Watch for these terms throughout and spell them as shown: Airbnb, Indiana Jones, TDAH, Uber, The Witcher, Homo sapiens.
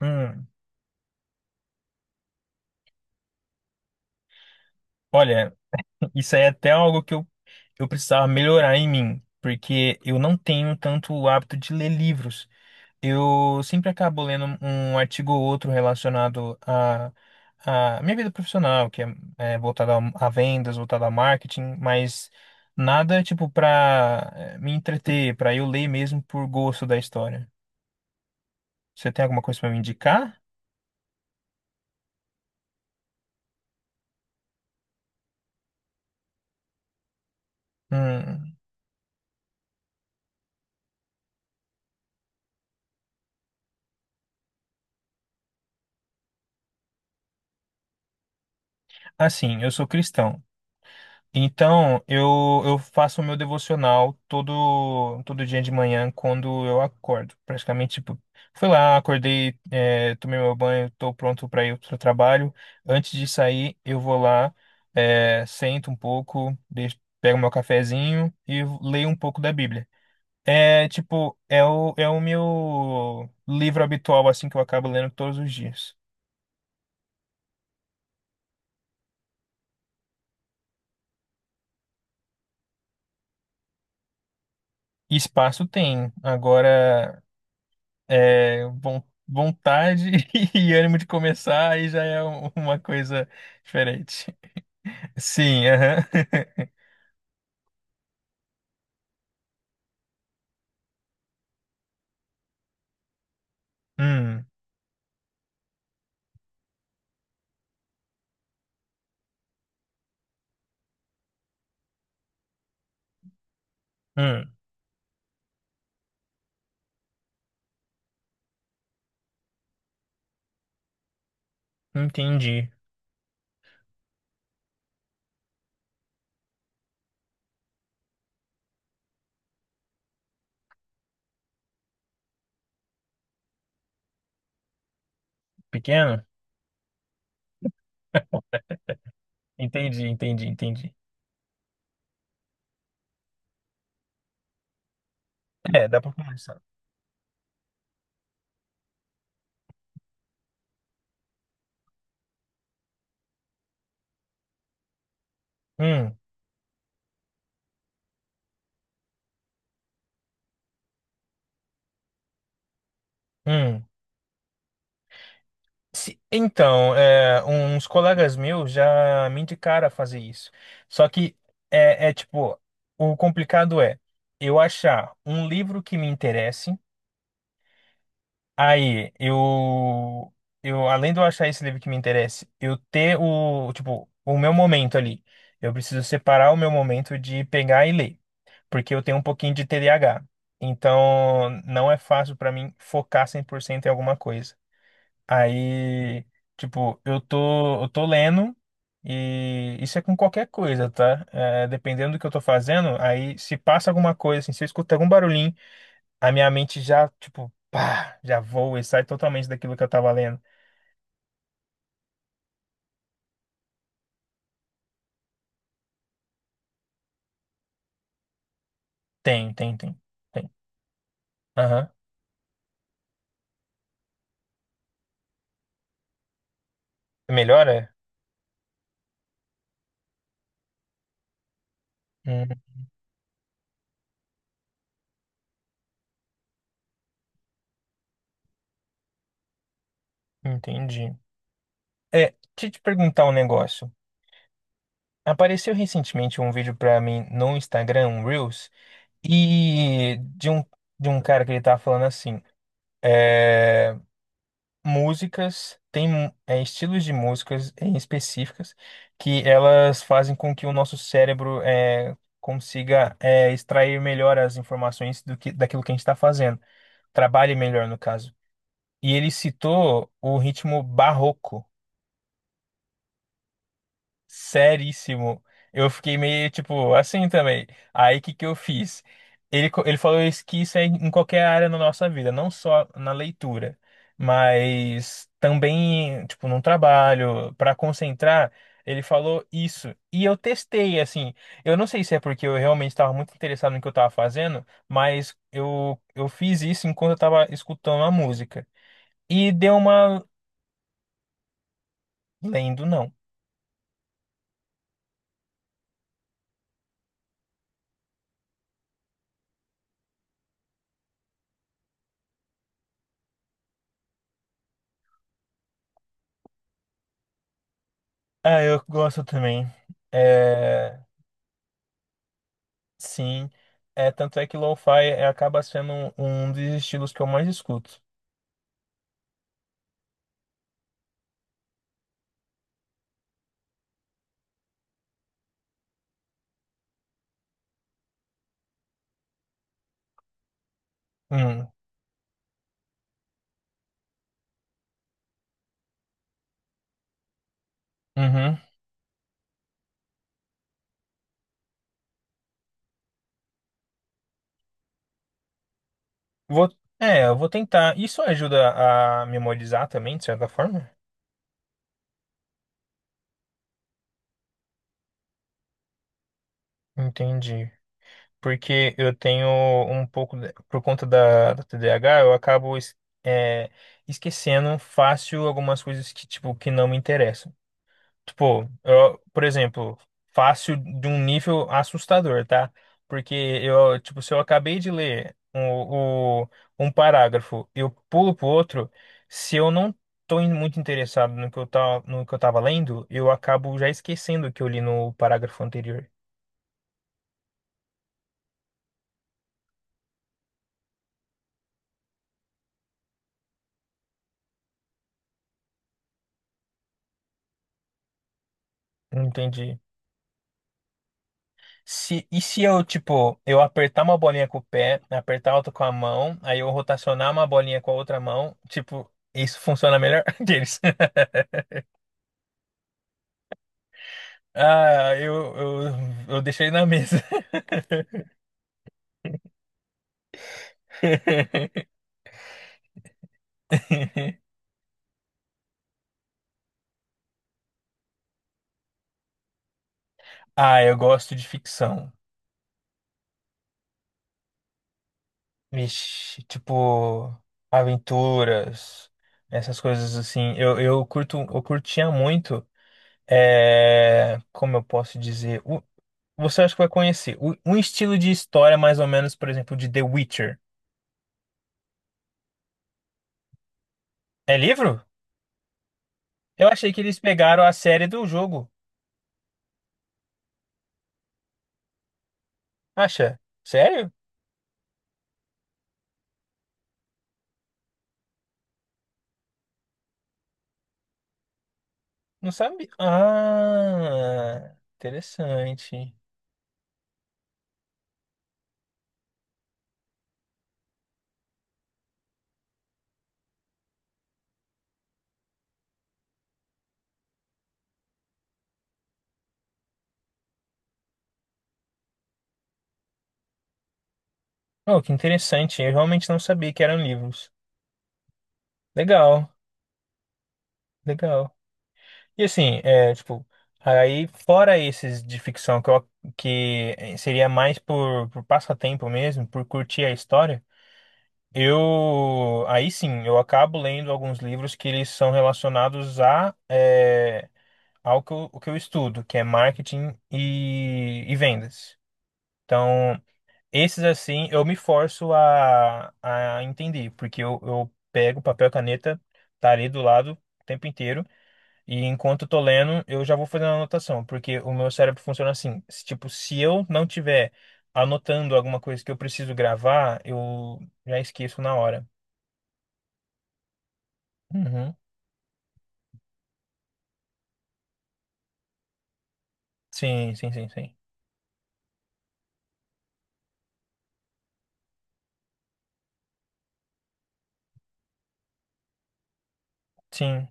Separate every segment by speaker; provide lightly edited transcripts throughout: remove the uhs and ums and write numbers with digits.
Speaker 1: Hum, olha, isso aí é até algo que eu precisava melhorar em mim, porque eu não tenho tanto o hábito de ler livros. Eu sempre acabo lendo um artigo ou outro relacionado à minha vida profissional, que é voltada a vendas, voltada a marketing, mas nada tipo para me entreter, para eu ler mesmo por gosto da história. Você tem alguma coisa para me indicar? Hum, assim, eu sou cristão. Então, eu faço o meu devocional todo dia de manhã quando eu acordo. Praticamente, tipo, fui lá, acordei, tomei meu banho, tô pronto para ir pro trabalho. Antes de sair, eu vou lá, sento um pouco, deixo, pego meu cafezinho e leio um pouco da Bíblia. É, tipo, é o meu livro habitual, assim, que eu acabo lendo todos os dias. Espaço tem. Agora. É, vontade e ânimo de começar, aí já é uma coisa diferente. Sim, aham. Hum, hum, entendi. Pequeno? Entendi, entendi, entendi. É, dá pra começar. Hum, hum. Então, é, uns colegas meus já me indicaram a fazer isso. Só que é, é tipo, o complicado é eu achar um livro que me interesse. Aí, além de eu achar esse livro que me interessa, eu ter o, tipo, o meu momento ali. Eu preciso separar o meu momento de pegar e ler, porque eu tenho um pouquinho de T D A H. Então, não é fácil pra mim focar 100% em alguma coisa. Aí, tipo, eu tô lendo e isso é com qualquer coisa, tá? É, dependendo do que eu tô fazendo, aí se passa alguma coisa, assim, se eu escutar algum barulhinho, a minha mente já, tipo, pá, já voa e sai totalmente daquilo que eu tava lendo. Tem, tem, tem, tem. Aham. Melhora? Hum, entendi. É, deixa eu te perguntar um negócio. Apareceu recentemente um vídeo pra mim no Instagram, um Reels, e de um cara que ele tava falando assim, eh, músicas, tem é, estilos de músicas em específicas que elas fazem com que o nosso cérebro é, consiga é, extrair melhor as informações do que, daquilo que a gente está fazendo, trabalhe melhor no caso. E ele citou o ritmo barroco. Seríssimo. Eu fiquei meio, tipo, assim também. Aí, o que que eu fiz? Ele, ele falou isso, que isso é em qualquer área na nossa vida, não só na leitura, mas também, tipo, num trabalho, para concentrar, ele falou isso. E eu testei, assim. Eu não sei se é porque eu realmente estava muito interessado no que eu estava fazendo, mas eu fiz isso enquanto eu estava escutando a música. E deu uma... Lendo, não. Ah, eu gosto também. É, sim, é tanto é que lo-fi é, acaba sendo um dos estilos que eu mais escuto. Hum, uhum. Vou, é, eu vou tentar. Isso ajuda a memorizar também, de certa forma? Entendi. Porque eu tenho um pouco, por conta da, da TDAH, eu acabo é, esquecendo fácil algumas coisas que, tipo, que não me interessam. Tipo, eu, por exemplo, fácil de um nível assustador, tá? Porque eu, tipo, se eu acabei de ler um parágrafo, eu pulo pro outro, se eu não muito interessado no que eu tá, no que eu tava lendo, eu acabo já esquecendo o que eu li no parágrafo anterior. Entendi. Se, e se eu, tipo, eu apertar uma bolinha com o pé, apertar outra com a mão, aí eu rotacionar uma bolinha com a outra mão, tipo, isso funciona melhor deles. Ah, eu deixei na mesa. Ah, eu gosto de ficção. Vixe, tipo, aventuras, essas coisas assim. Eu curto, eu curtia muito. É, como eu posso dizer? Você acha que vai conhecer. Um estilo de história, mais ou menos, por exemplo, de The Witcher. É livro? Eu achei que eles pegaram a série do jogo. Acha? Sério? Não sabia. Ah, interessante. Oh, que interessante. Eu realmente não sabia que eram livros. Legal, legal. E assim, é, tipo, aí fora esses de ficção que, que eh, seria mais por passatempo mesmo, por curtir a história, eu aí sim, eu acabo lendo alguns livros que eles são relacionados a é, ao que eu, o que eu estudo, que é marketing e vendas. Então, esses, assim, eu me forço a entender, porque eu pego papel e caneta, tá ali do lado o tempo inteiro, e enquanto eu tô lendo, eu já vou fazendo a anotação, porque o meu cérebro funciona assim, se, tipo, se eu não tiver anotando alguma coisa que eu preciso gravar, eu já esqueço na hora. Uhum. Sim, sim, sim, sim. Sim.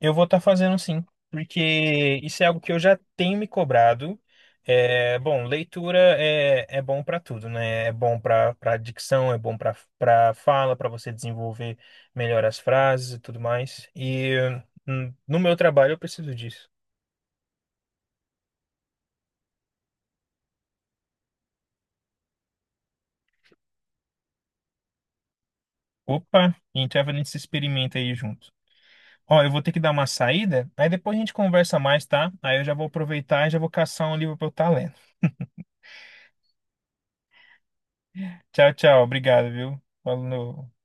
Speaker 1: Eu vou estar fazendo sim, porque isso é algo que eu já tenho me cobrado. É, bom, leitura é, é bom para tudo, né? É bom para para dicção, é bom para para fala, para você desenvolver melhor as frases e tudo mais. E no meu trabalho eu preciso disso. Opa, então a gente se experimenta aí junto. Ó, eu vou ter que dar uma saída, aí depois a gente conversa mais, tá? Aí eu já vou aproveitar e já vou caçar um livro para eu estar lendo. Tchau, tchau, obrigado, viu? Falou.